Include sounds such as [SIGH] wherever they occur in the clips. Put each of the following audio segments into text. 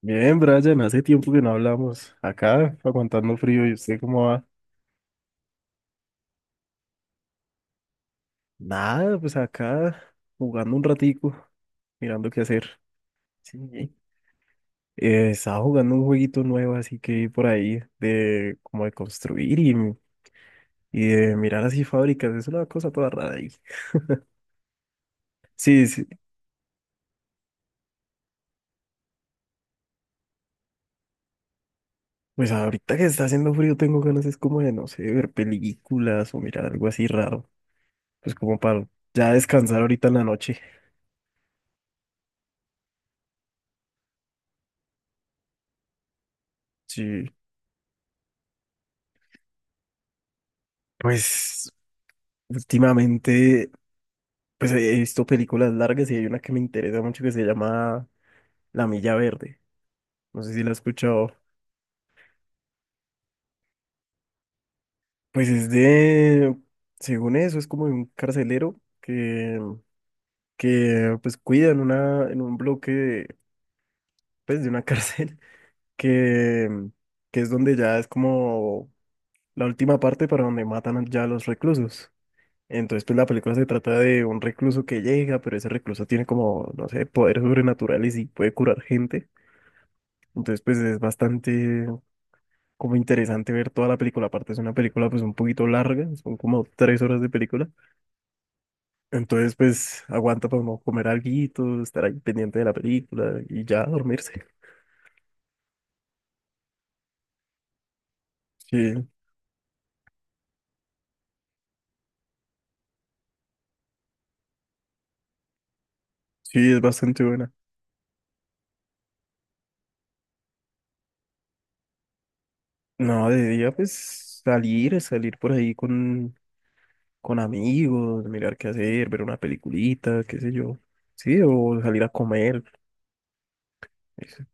Bien, Brian, hace tiempo que no hablamos. Acá, aguantando frío, ¿y usted cómo va? Nada, pues acá, jugando un ratico, mirando qué hacer. Sí. Estaba jugando un jueguito nuevo, así que por ahí, de como de construir y, de mirar así fábricas, es una cosa toda rara ahí. Sí, sí, pues ahorita que está haciendo frío tengo ganas, es como de, no sé, ver películas o mirar algo así raro, pues como para ya descansar ahorita en la noche. Sí, pues últimamente. Pues he visto películas largas y hay una que me interesa mucho que se llama La Milla Verde. No sé si la has escuchado. Pues es de, según eso, es como de un carcelero que, pues cuida en un bloque, de, pues de una cárcel, [LAUGHS] que, es donde ya es como la última parte para donde matan ya a los reclusos. Entonces, pues la película se trata de un recluso que llega, pero ese recluso tiene como, no sé, poderes sobrenaturales y puede curar gente. Entonces, pues es bastante como interesante ver toda la película. Aparte es una película pues un poquito larga, son como 3 horas de película. Entonces pues aguanta para uno comer alguito, estar ahí pendiente de la película y ya dormirse. Sí, sí, es bastante buena. No, de día pues salir, salir por ahí con, amigos, mirar qué hacer, ver una peliculita, qué sé yo. Sí, o salir a comer. Eso.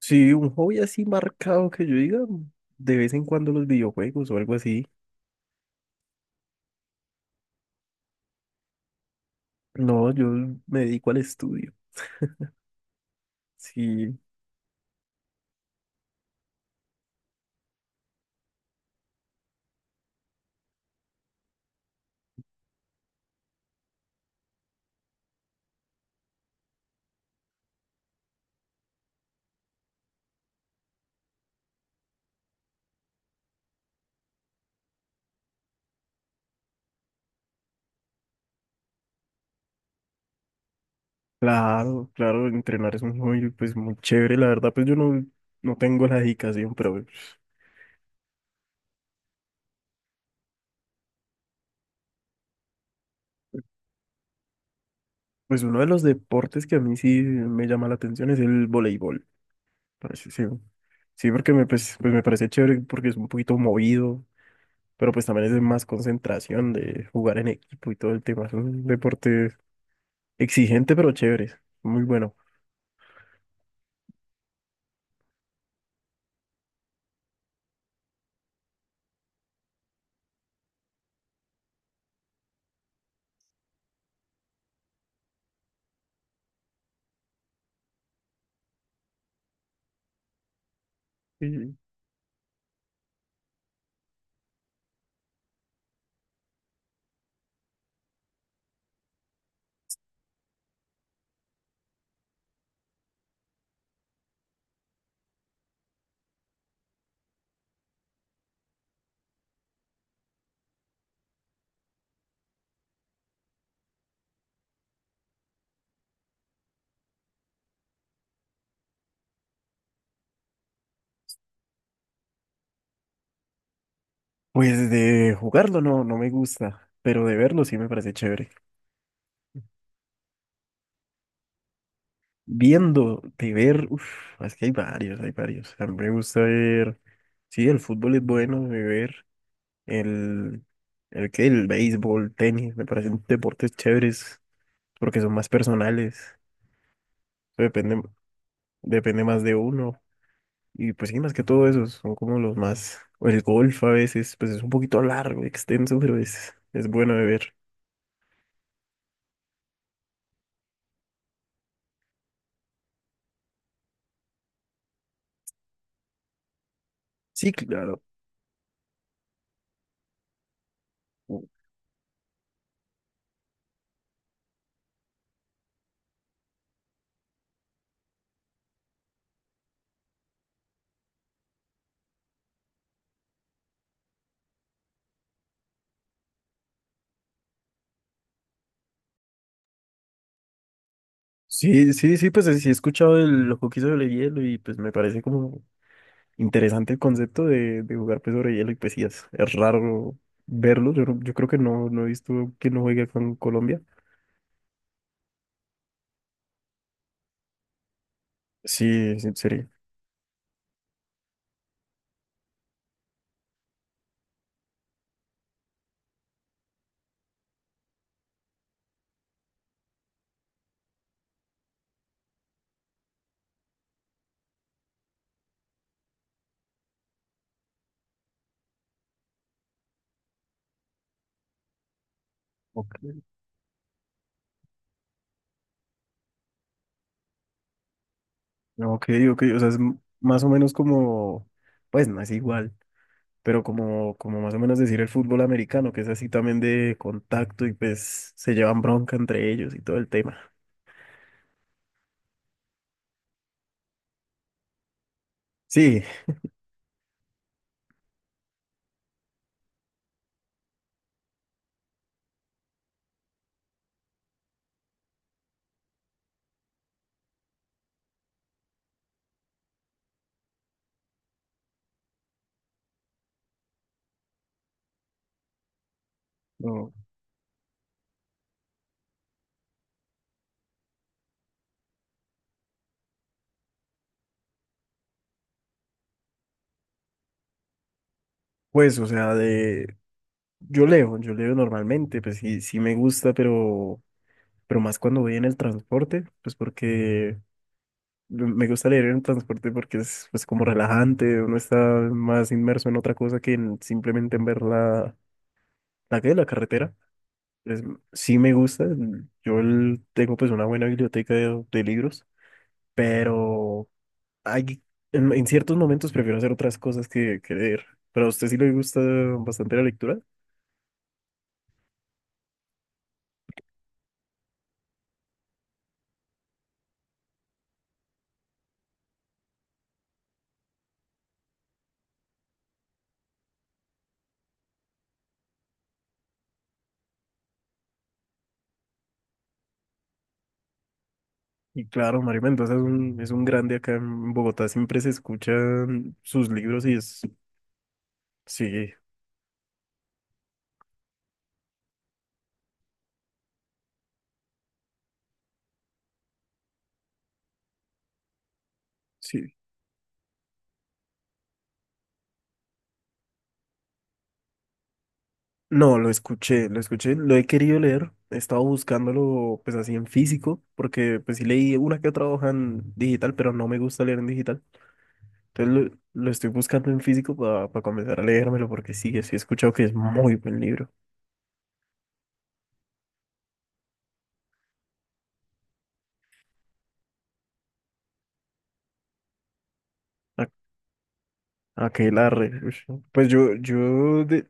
Sí, un hobby así marcado que yo diga, de vez en cuando los videojuegos o algo así. No, yo me dedico al estudio. Sí, claro, claro, entrenar es un hobby pues muy chévere, la verdad pues yo no, no tengo la dedicación, pero pues uno de los deportes que a mí sí me llama la atención es el voleibol, parece, sí, sí, porque me, pues me parece chévere porque es un poquito movido, pero pues también es de más concentración de jugar en equipo y todo el tema, es un deporte exigente pero chévere, muy bueno. Y, Pues de jugarlo no, me gusta, pero de verlo sí me parece chévere. Viendo, de ver, uf, es que hay varios, hay varios. A mí me gusta ver, sí, el fútbol es bueno de ver, el, el béisbol, tenis, me parecen deportes chéveres porque son más personales, eso depende, depende más de uno. Y pues sí, más que todo esos son como los más, o el golf a veces, pues es un poquito largo, extenso, pero es, bueno de ver. Sí, claro. Sí, sí, sí, pues sí he escuchado los que hizo de hielo y pues me parece como interesante el concepto de, jugar pues sobre hielo y pues sí, es, raro verlo. Yo creo que no, he visto quién no juegue con Colombia. Sí, sí, sería. Ok, ok, ok, o sea, es más o menos como, pues no es igual, pero como, más o menos decir el fútbol americano, que es así también de contacto y pues se llevan bronca entre ellos y todo el tema. Sí, no, pues o sea, de, yo leo normalmente, pues sí, sí me gusta, pero más cuando voy en el transporte, pues porque me gusta leer en el transporte porque es pues como relajante, uno está más inmerso en otra cosa que en simplemente en ver la, ¿qué?, la carretera. Entonces, sí me gusta, yo tengo pues una buena biblioteca de, libros, pero hay, en, ciertos momentos prefiero hacer otras cosas que, leer. Pero a usted sí le gusta bastante la lectura. Y claro, Mario Mendoza es un grande acá en Bogotá, siempre se escuchan sus libros y es, sí, Sí. No, lo escuché, lo escuché, lo he querido leer, he estado buscándolo pues así en físico, porque pues sí leí una que otra hoja en digital, pero no me gusta leer en digital. Entonces lo estoy buscando en físico para comenzar a leérmelo, porque sí, sí he escuchado que es muy buen libro. A- Aquelarre. Ush. ¿no? Pues yo de...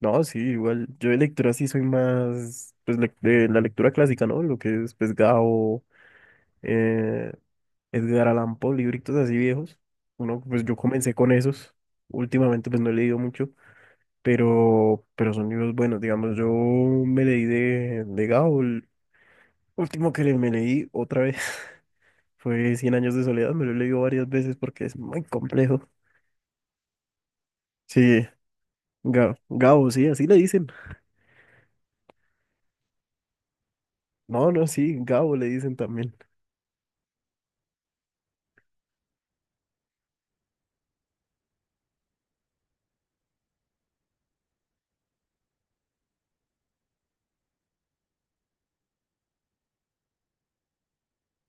No, sí, igual, yo de lectura sí soy más, pues de la lectura clásica, ¿no? Lo que es pues Gabo, eh, Edgar Allan Poe, libritos así viejos. Uno, pues yo comencé con esos. Últimamente pues no he leído mucho, pero son libros buenos. Digamos, yo me leí de, Gao. El último que me leí otra vez [LAUGHS] fue Cien años de soledad. Me lo he leído varias veces porque es muy complejo. Sí, Gao, Gao, sí, así le dicen. No, no, sí, Gabo le dicen también.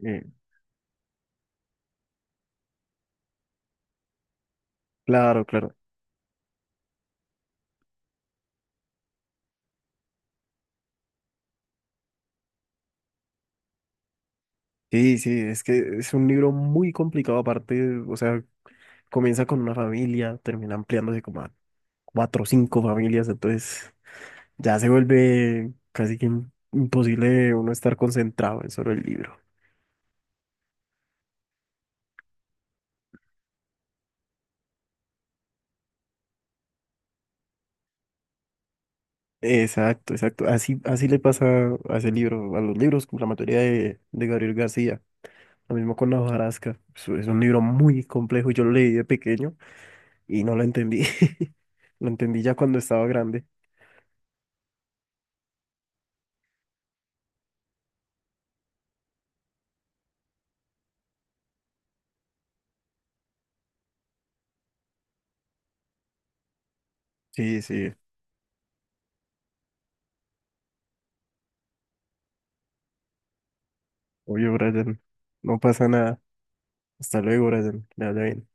Eh, claro, claro. Sí, sí, es que es un libro muy complicado aparte, o sea, comienza con una familia, termina ampliándose como a cuatro o cinco familias, entonces ya se vuelve casi que imposible uno estar concentrado en solo el libro. Exacto, exacto. Así, así le pasa a ese libro, a los libros, como la mayoría de, Gabriel García. Lo mismo con La hojarasca. Es un libro muy complejo. Yo lo leí de pequeño y no lo entendí. [LAUGHS] Lo entendí ya cuando estaba grande. Sí, sí. Obvio, Brian. No pasa nada. Hasta luego, Brian. Que le vaya bien.